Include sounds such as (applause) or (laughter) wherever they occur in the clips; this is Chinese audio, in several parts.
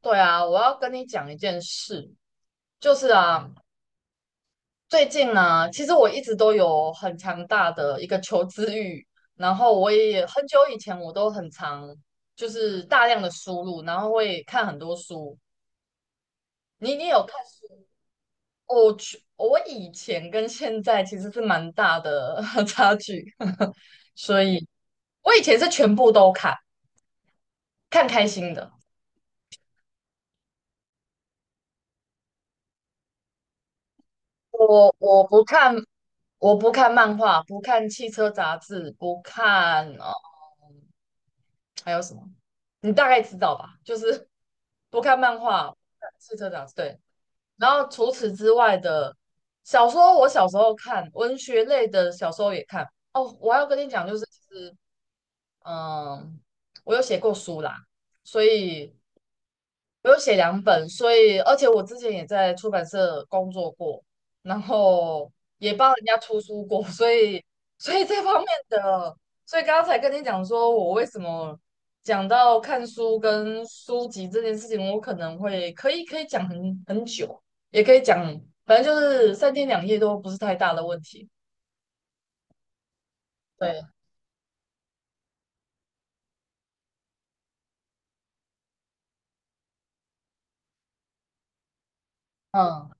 对啊，我要跟你讲一件事，就是啊，最近呢，其实我一直都有很强大的一个求知欲，然后我也很久以前我都很常就是大量的输入，然后会看很多书。你有看书？我去，我以前跟现在其实是蛮大的 (laughs) 差距，(laughs) 所以我以前是全部都看，看开心的。我不看，我不看漫画，不看汽车杂志，不看哦，还有什么？你大概知道吧？就是不看漫画，不看汽车杂志，对。然后除此之外的小说，我小时候看文学类的小说也看。哦，我还要跟你讲，就是其实，嗯，我有写过书啦，所以我有写两本，所以而且我之前也在出版社工作过，然后也帮人家出书过，所以这方面的，所以刚才跟你讲说我为什么讲到看书跟书籍这件事情，我可能会可以讲很久，也可以讲，反正就是三天两夜都不是太大的问题。对，嗯，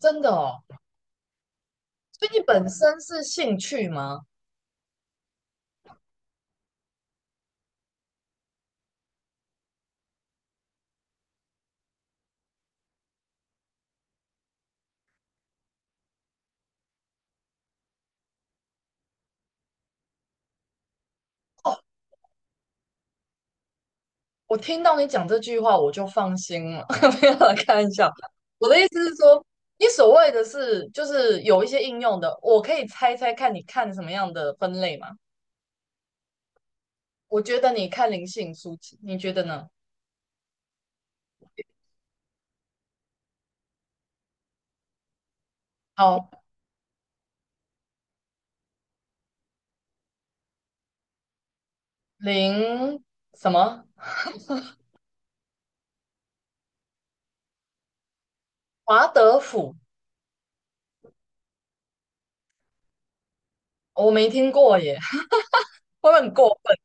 真的哦。所以你本身是兴趣吗？我听到你讲这句话，我就放心了。(laughs) 没有啦，开玩笑。我的意思是说，你所谓的是，就是有一些应用的，我可以猜猜看，你看什么样的分类吗？我觉得你看灵性书籍，你觉得呢？好，灵什么？华德福，我没听过耶，(laughs) 会不会很过分？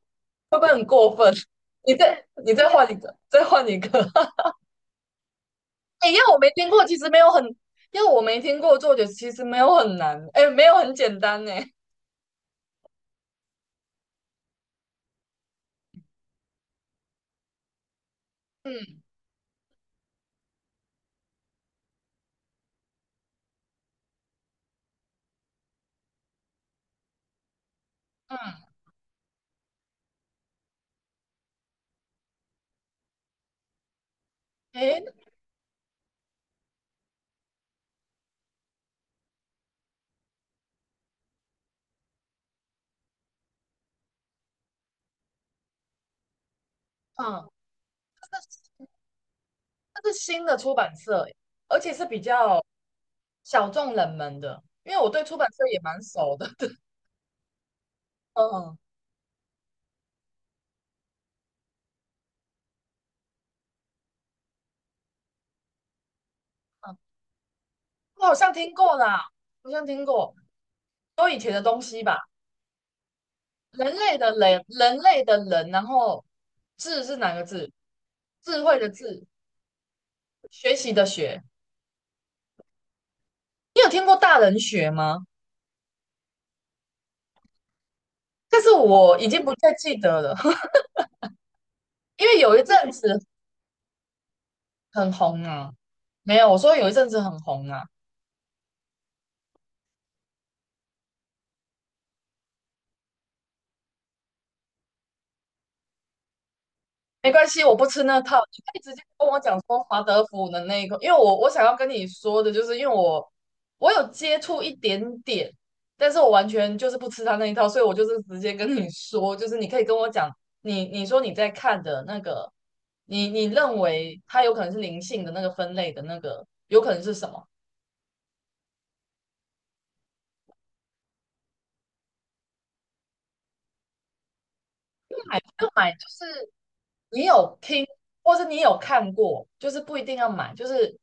会不会很过分？(laughs) 你再换一个，再换一个。(laughs) 哎，因为我没听过，其实没有很，因为我没听过作者，其实没有很难，哎，没有很简单呢。嗯嗯。诶，嗯，它是新的出版社，而且是比较小众冷门的，因为我对出版社也蛮熟的。(laughs) 嗯嗯，我好像听过啦，好像听过，都以前的东西吧。人类的人，人类的人，然后智是哪个字？智慧的智，学习的学。你有听过大人学吗？但是我已经不太记得了，(laughs) 因为有一阵子很红啊。没有，我说有一阵子很红啊。没关系，我不吃那套，你可以直接跟我讲说华德福的那一个，因为我想要跟你说的就是，因为我有接触一点点，但是我完全就是不吃他那一套，所以我就是直接跟你说，就是你可以跟我讲，你说你在看的那个，你认为它有可能是灵性的那个分类的那个，有可能是什么？要买就是你有听，或是你有看过，就是不一定要买，就是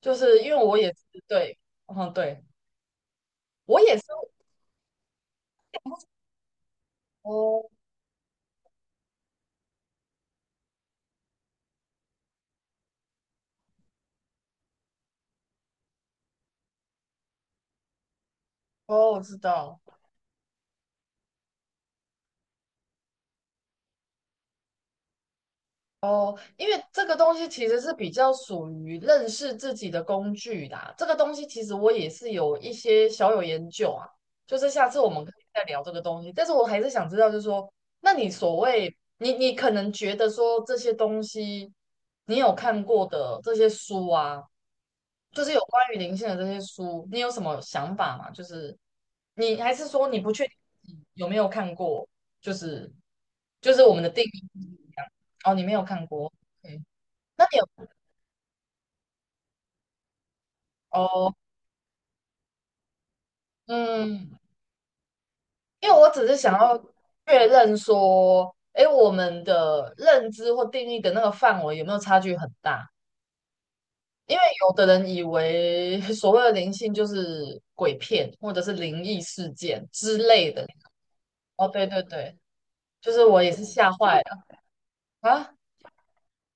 因为我也是对，嗯对。我也是哦哦，我知道哦，因为这个东西其实是比较属于认识自己的工具啦。这个东西其实我也是有一些小有研究啊，就是下次我们可以再聊这个东西。但是我还是想知道，就是说，那你所谓你可能觉得说这些东西你有看过的这些书啊，就是有关于灵性的这些书，你有什么想法吗？就是你还是说你不确定你有没有看过？就是我们的定义不一样哦，你没有看过，OK？那你有哦，嗯，因为我只是想要确认说，诶，我们的认知或定义的那个范围有没有差距很大？因为有的人以为 (laughs) 所谓的灵性就是鬼片或者是灵异事件之类的。哦，对对对，就是我也是吓坏了啊！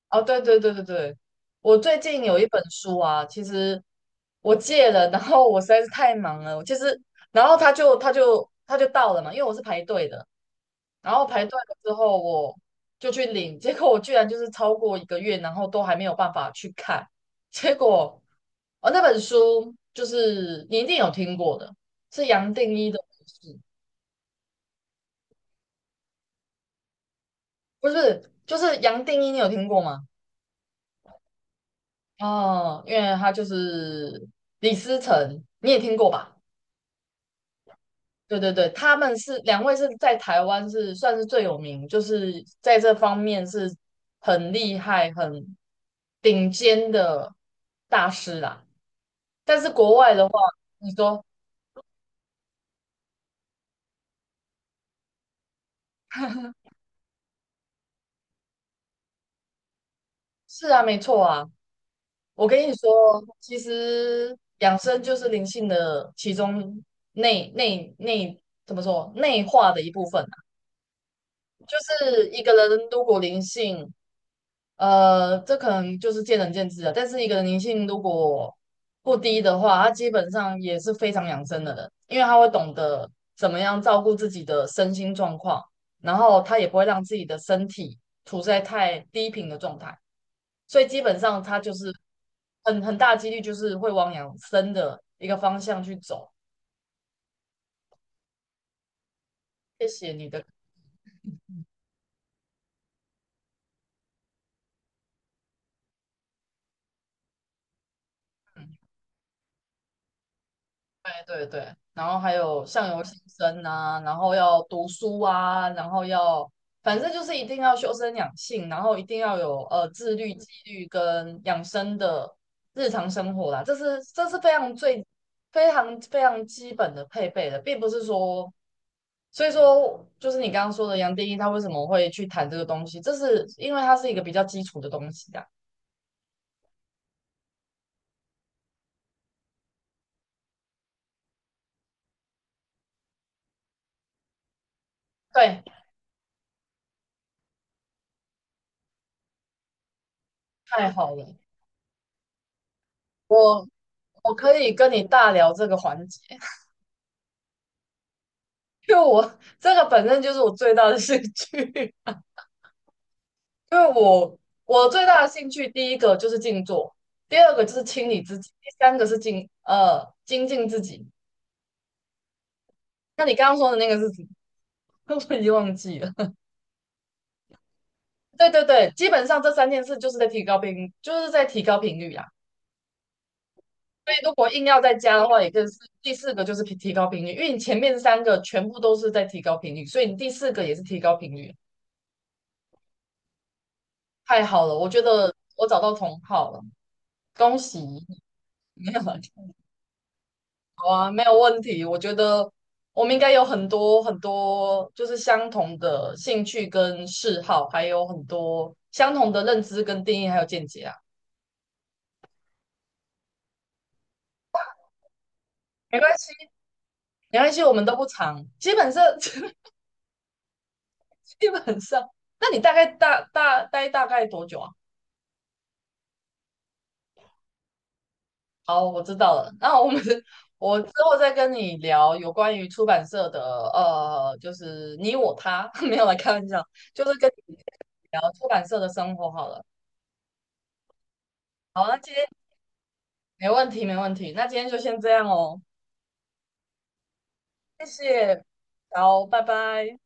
哦，对对对对对，我最近有一本书啊，其实我借了，然后我实在是太忙了，我其实，然后他就到了嘛，因为我是排队的，然后排队了之后我就去领，结果我居然就是超过一个月，然后都还没有办法去看，结果哦那本书就是你一定有听过的，是杨定一的故事不是，就是杨定一，你有听过吗？哦，因为他就是李思成，你也听过吧？对对对，他们是两位是在台湾是算是最有名，就是在这方面是很厉害、很顶尖的大师啦。但是国外的话，你说 (laughs) 是啊，没错啊。我跟你说，其实养生就是灵性的其中内内内怎么说内化的一部分。就是一个人如果灵性，呃，这可能就是见仁见智了。但是一个人灵性如果不低的话，他基本上也是非常养生的人，因为他会懂得怎么样照顾自己的身心状况，然后他也不会让自己的身体处在太低频的状态。所以基本上他就是很大几率就是会往养生的一个方向去走。谢谢你的。对对对，然后还有相由心生啊，然后要读书啊，然后要，反正就是一定要修身养性，然后一定要有呃自律、纪律跟养生的日常生活啦，这是非常非常非常基本的配备的，并不是说，所以说就是你刚刚说的杨定一他为什么会去谈这个东西，这是因为它是一个比较基础的东西啊。对，太好了，我我可以跟你大聊这个环节。就我这个本身就是我最大的兴趣，(laughs) 因为我最大的兴趣，第一个就是静坐，第二个就是清理自己，第三个是精进自己。那你刚刚说的那个是什么？(laughs) 我已经忘记了。对对对，基本上这三件事就是在提高频率啊。所以如果硬要再加的话，也就是第四个就是提高频率，因为你前面三个全部都是在提高频率，所以你第四个也是提高频率。太好了，我觉得我找到同好了，恭喜！(laughs) 没有。(laughs) 啊，没有问题。我觉得我们应该有很多很多，就是相同的兴趣跟嗜好，还有很多相同的认知跟定义，还有见解啊。没关系，没关系，我们都不长，基本上 (laughs) 基本上。那你大概待大概多久啊？好，我知道了。那我们 (laughs) 我之后再跟你聊有关于出版社的呃，就是你我他，(laughs) 没有来开玩笑，就是跟你聊出版社的生活好了。好，那今天。没问题，没问题。那今天就先这样哦，好，拜拜。